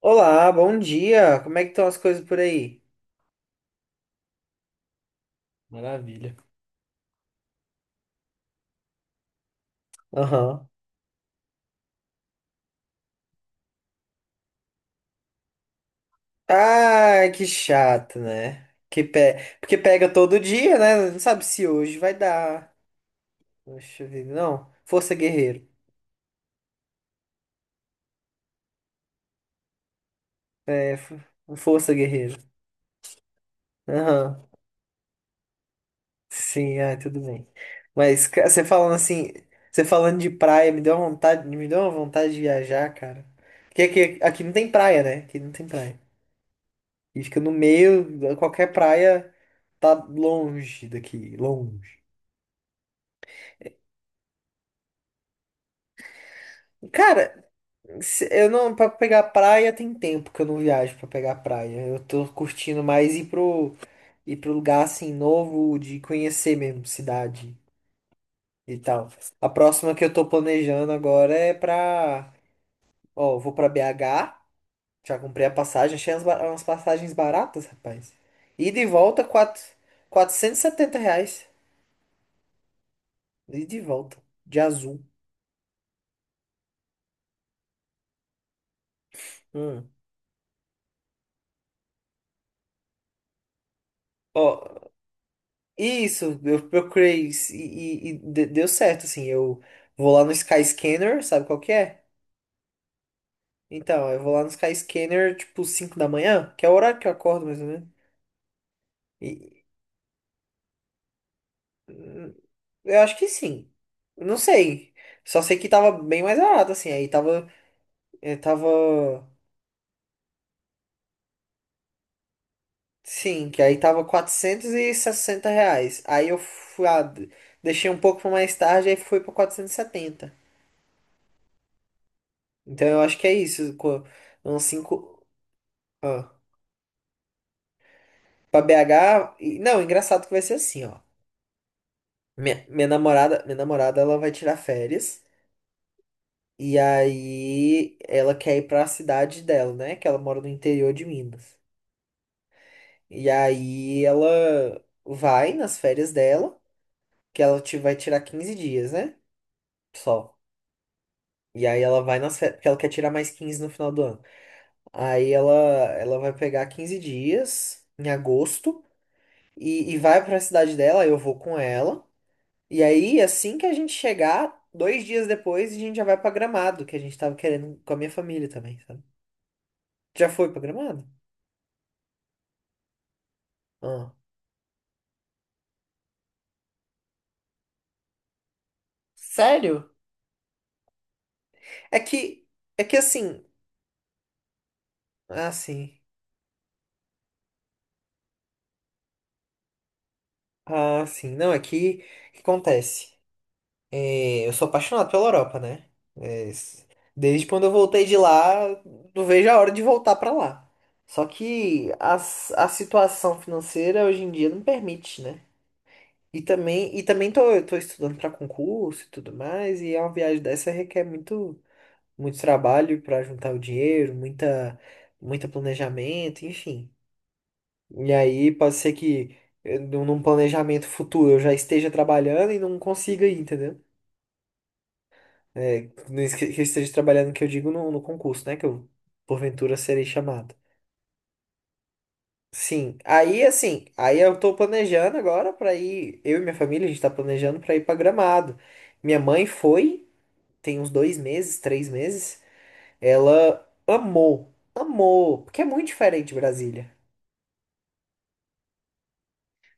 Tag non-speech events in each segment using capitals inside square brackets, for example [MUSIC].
Olá, bom dia. Como é que estão as coisas por aí? Maravilha. Aham. Ah, que chato, né? Porque pega todo dia, né? Não sabe se hoje vai dar. Poxa vida, não. Força guerreiro. É, fo- força guerreiro. Aham. Sim, ah, tudo bem. Mas você falando assim, você falando de praia, me deu uma vontade, me deu uma vontade de viajar, cara. Porque aqui não tem praia, né? Aqui não tem praia. E fica no meio, qualquer praia tá longe daqui, longe. Cara, eu não, pra pegar praia tem tempo que eu não viajo pra pegar praia. Eu tô curtindo mais ir ir pro lugar assim novo, de conhecer mesmo cidade e tal. A próxima que eu tô planejando agora é pra. Ó, eu vou pra BH, já comprei a passagem, achei umas passagens baratas, rapaz. Ida e volta, R$ 470. Ida e volta, de azul. Hum. Ó, isso, eu procurei isso e deu certo, assim, eu vou lá no Sky Scanner, sabe qual que é? Então, eu vou lá no Sky Scanner, tipo, 5 da manhã, que é o horário que eu acordo, mais ou menos. E, hum, eu acho que sim. Eu não sei. Só sei que tava bem mais barato, assim, aí tava, eh, tava, sim, que aí tava R$ 460. Aí eu fui, deixei um pouco pra mais tarde, aí foi pra 470. Então eu acho que é isso, uns cinco. Pra BH. Não, engraçado que vai ser assim, ó. Minha namorada, ela vai tirar férias. E aí ela quer ir pra cidade dela, né? Que ela mora no interior de Minas. E aí ela vai nas férias dela, que ela vai tirar 15 dias, né? Só. E aí ela vai nas férias, porque ela quer tirar mais 15 no final do ano. Aí ela, ela vai pegar 15 dias em agosto e vai pra cidade dela, eu vou com ela. E aí, assim que a gente chegar, dois dias depois, a gente já vai pra Gramado, que a gente tava querendo com a minha família também, sabe? Já foi pra Gramado? Ah. Sério? É que, é que assim, ah, sim, ah, sim, não, é que, o que acontece? É, eu sou apaixonado pela Europa, né? É, s- desde quando eu voltei de lá, não vejo a hora de voltar pra lá. Só que a situação financeira hoje em dia não permite, né? E também, eu tô estudando para concurso e tudo mais, e é uma viagem dessa requer muito, muito trabalho para juntar o dinheiro, muita, muita planejamento, enfim. E aí pode ser que num planejamento futuro eu já esteja trabalhando e não consiga ir, entendeu? É, não es- que eu esteja trabalhando, que eu digo no concurso, né? Que eu porventura serei chamado. Sim, aí assim, aí eu tô planejando agora para ir, eu e minha família, a gente tá planejando para ir para Gramado. Minha mãe foi. Tem uns dois meses, três meses, ela amou, amou, porque é muito diferente de Brasília.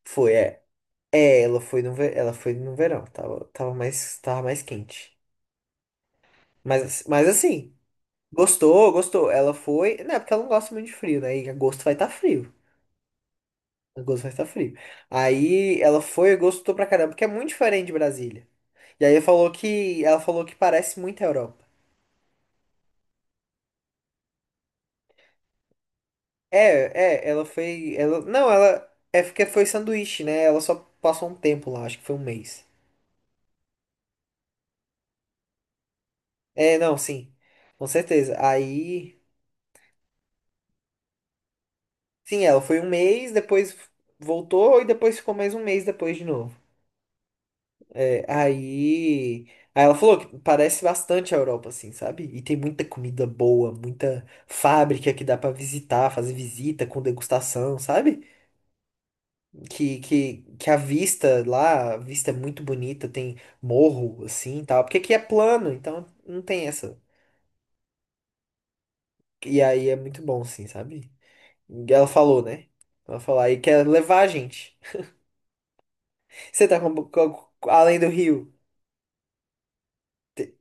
Foi, é, é, ela foi no, ela foi no verão, tava mais quente. Mas, mas assim, gostou, gostou. Ela foi, né? Porque ela não gosta muito de frio, né? E agosto vai estar frio. Agosto vai estar frio. Aí ela foi e gostou pra caramba, porque é muito diferente de Brasília. E aí falou ela falou que parece muito a Europa. É, é, ela foi. Ela, não, ela. É porque foi sanduíche, né? Ela só passou um tempo lá, acho que foi um mês. É, não, sim. Com certeza. Aí. Sim, ela foi um mês, depois voltou e depois ficou mais um mês depois de novo. É, aí. Aí ela falou que parece bastante a Europa, assim, sabe? E tem muita comida boa, muita fábrica que dá pra visitar, fazer visita com degustação, sabe? Que a vista lá, a vista é muito bonita, tem morro, assim, e tal. Porque aqui é plano, então não tem essa. E aí é muito bom, assim, sabe? E ela falou, né? Ela falou, aí quer levar a gente. [LAUGHS] Você tá com- além do rio. Te-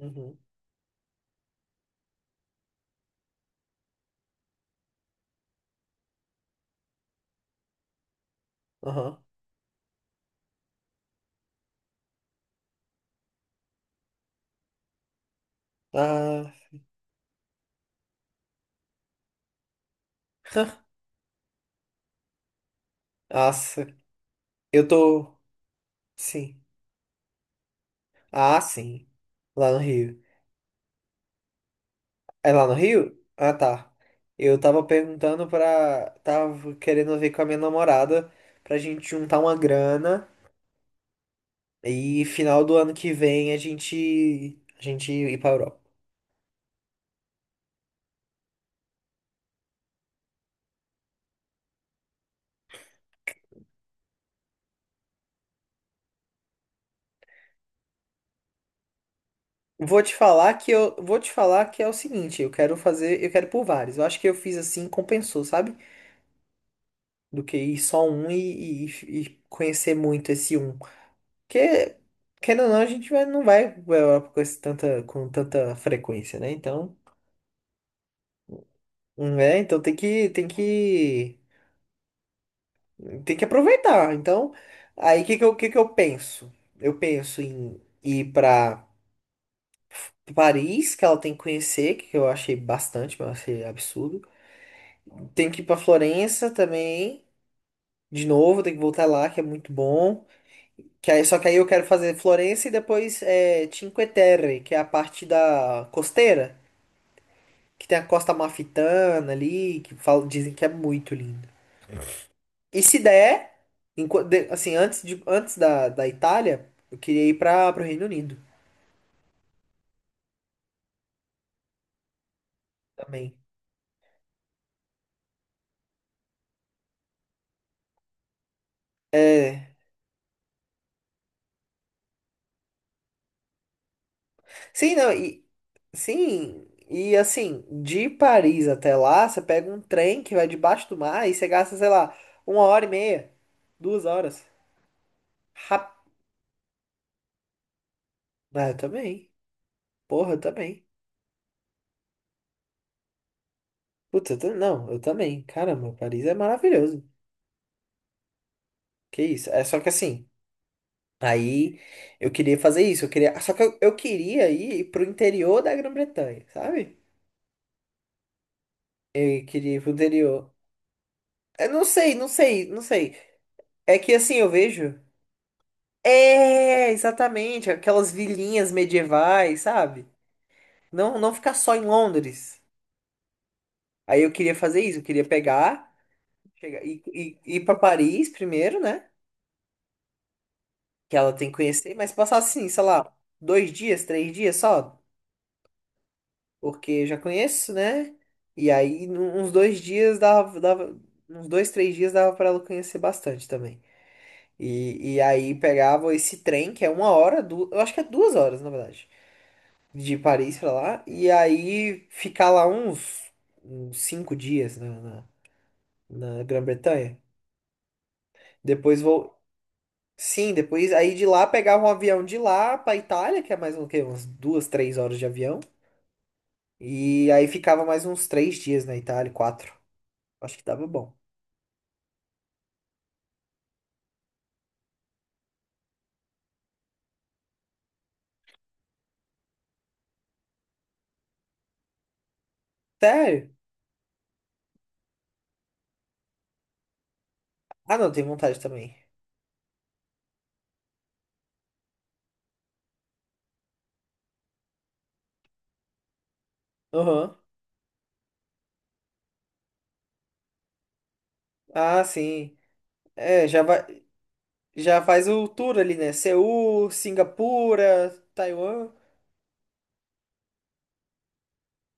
Uhum, aham. Ah, nossa. Eu tô... Sim. Ah, sim. Lá no Rio. É lá no Rio? Ah, tá. Eu tava perguntando pra... Tava querendo ver com a minha namorada pra gente juntar uma grana. E final do ano que vem a gente ir para Europa. Vou te falar que eu vou te falar que é o seguinte, eu quero fazer, eu quero por vários. Eu acho que eu fiz assim, compensou, sabe? Do que ir só um e conhecer muito esse um. Porque querendo ou não, a gente não vai para Europa com esse tanta frequência, né? Então, né? Então tem que aproveitar. Então, aí que eu penso? Eu penso em ir para Paris, que ela tem que conhecer, que eu achei bastante, mas eu achei absurdo. Tem que ir pra Florença também, de novo, tem que voltar lá, que é muito bom. Só que aí eu quero fazer Florença e depois é, Cinque Terre, que é a parte da costeira, que tem a Costa Amalfitana ali, que falam, dizem que é muito lindo. E se der, antes da Itália, eu queria ir para o Reino Unido também. É. Sim, não, e, sim, e assim, de Paris até lá, você pega um trem que vai debaixo do mar e você gasta, sei lá, uma hora e meia, duas horas. Rap... Ah, eu também. Porra, eu também. Não, eu também. Caramba, Paris é maravilhoso. Que isso? É só que assim, aí eu queria fazer isso, eu queria. Só que eu queria ir pro interior da Grã-Bretanha, sabe? Eu queria ir pro interior. Eu não sei, não sei, não sei. É que assim, eu vejo. É, exatamente, aquelas vilinhas medievais, sabe? Não, não ficar só em Londres. Aí eu queria fazer isso, eu queria chegar, ir para Paris primeiro, né? Que ela tem que conhecer, mas passar assim, sei lá, dois dias, três dias só, porque já conheço, né? E aí uns dois dias dava, uns dois, três dias dava para ela conhecer bastante também. E aí pegava esse trem, que é uma hora, eu acho que é duas horas, na verdade. De Paris pra lá, e aí ficar lá uns, uns cinco dias na, na, na Grã-Bretanha. Depois vou. Sim, depois aí de lá pegava um avião de lá pra Itália, que é mais um, o quê? Umas duas, três horas de avião. E aí ficava mais uns três dias na Itália, quatro. Acho que dava bom. Sério? Ah, não, tem vontade também. Aham. Ah, sim. É, já vai, já faz o tour ali, né? Seul, Singapura, Taiwan.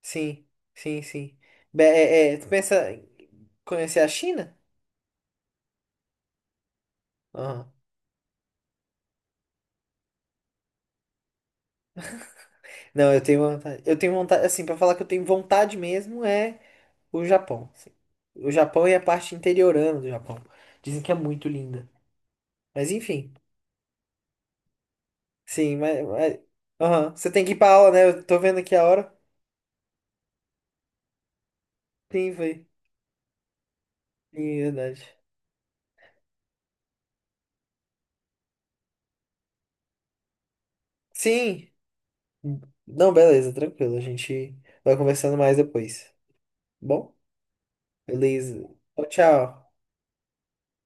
Sim, sim, sim. É, é, tu pensa em conhecer a China? Aham. Não, eu tenho vontade. Eu tenho vontade, assim, pra falar que eu tenho vontade mesmo é o Japão. Assim. O Japão e a parte interiorana do Japão. Dizem que é muito linda. Mas enfim, sim, mas. Mas- Aham. Você tem que ir pra aula, né? Eu tô vendo aqui a hora. Sim, foi. Sim, verdade. Sim. Não, beleza, tranquilo. A gente vai conversando mais depois. Bom? Beleza. Tchau, tchau.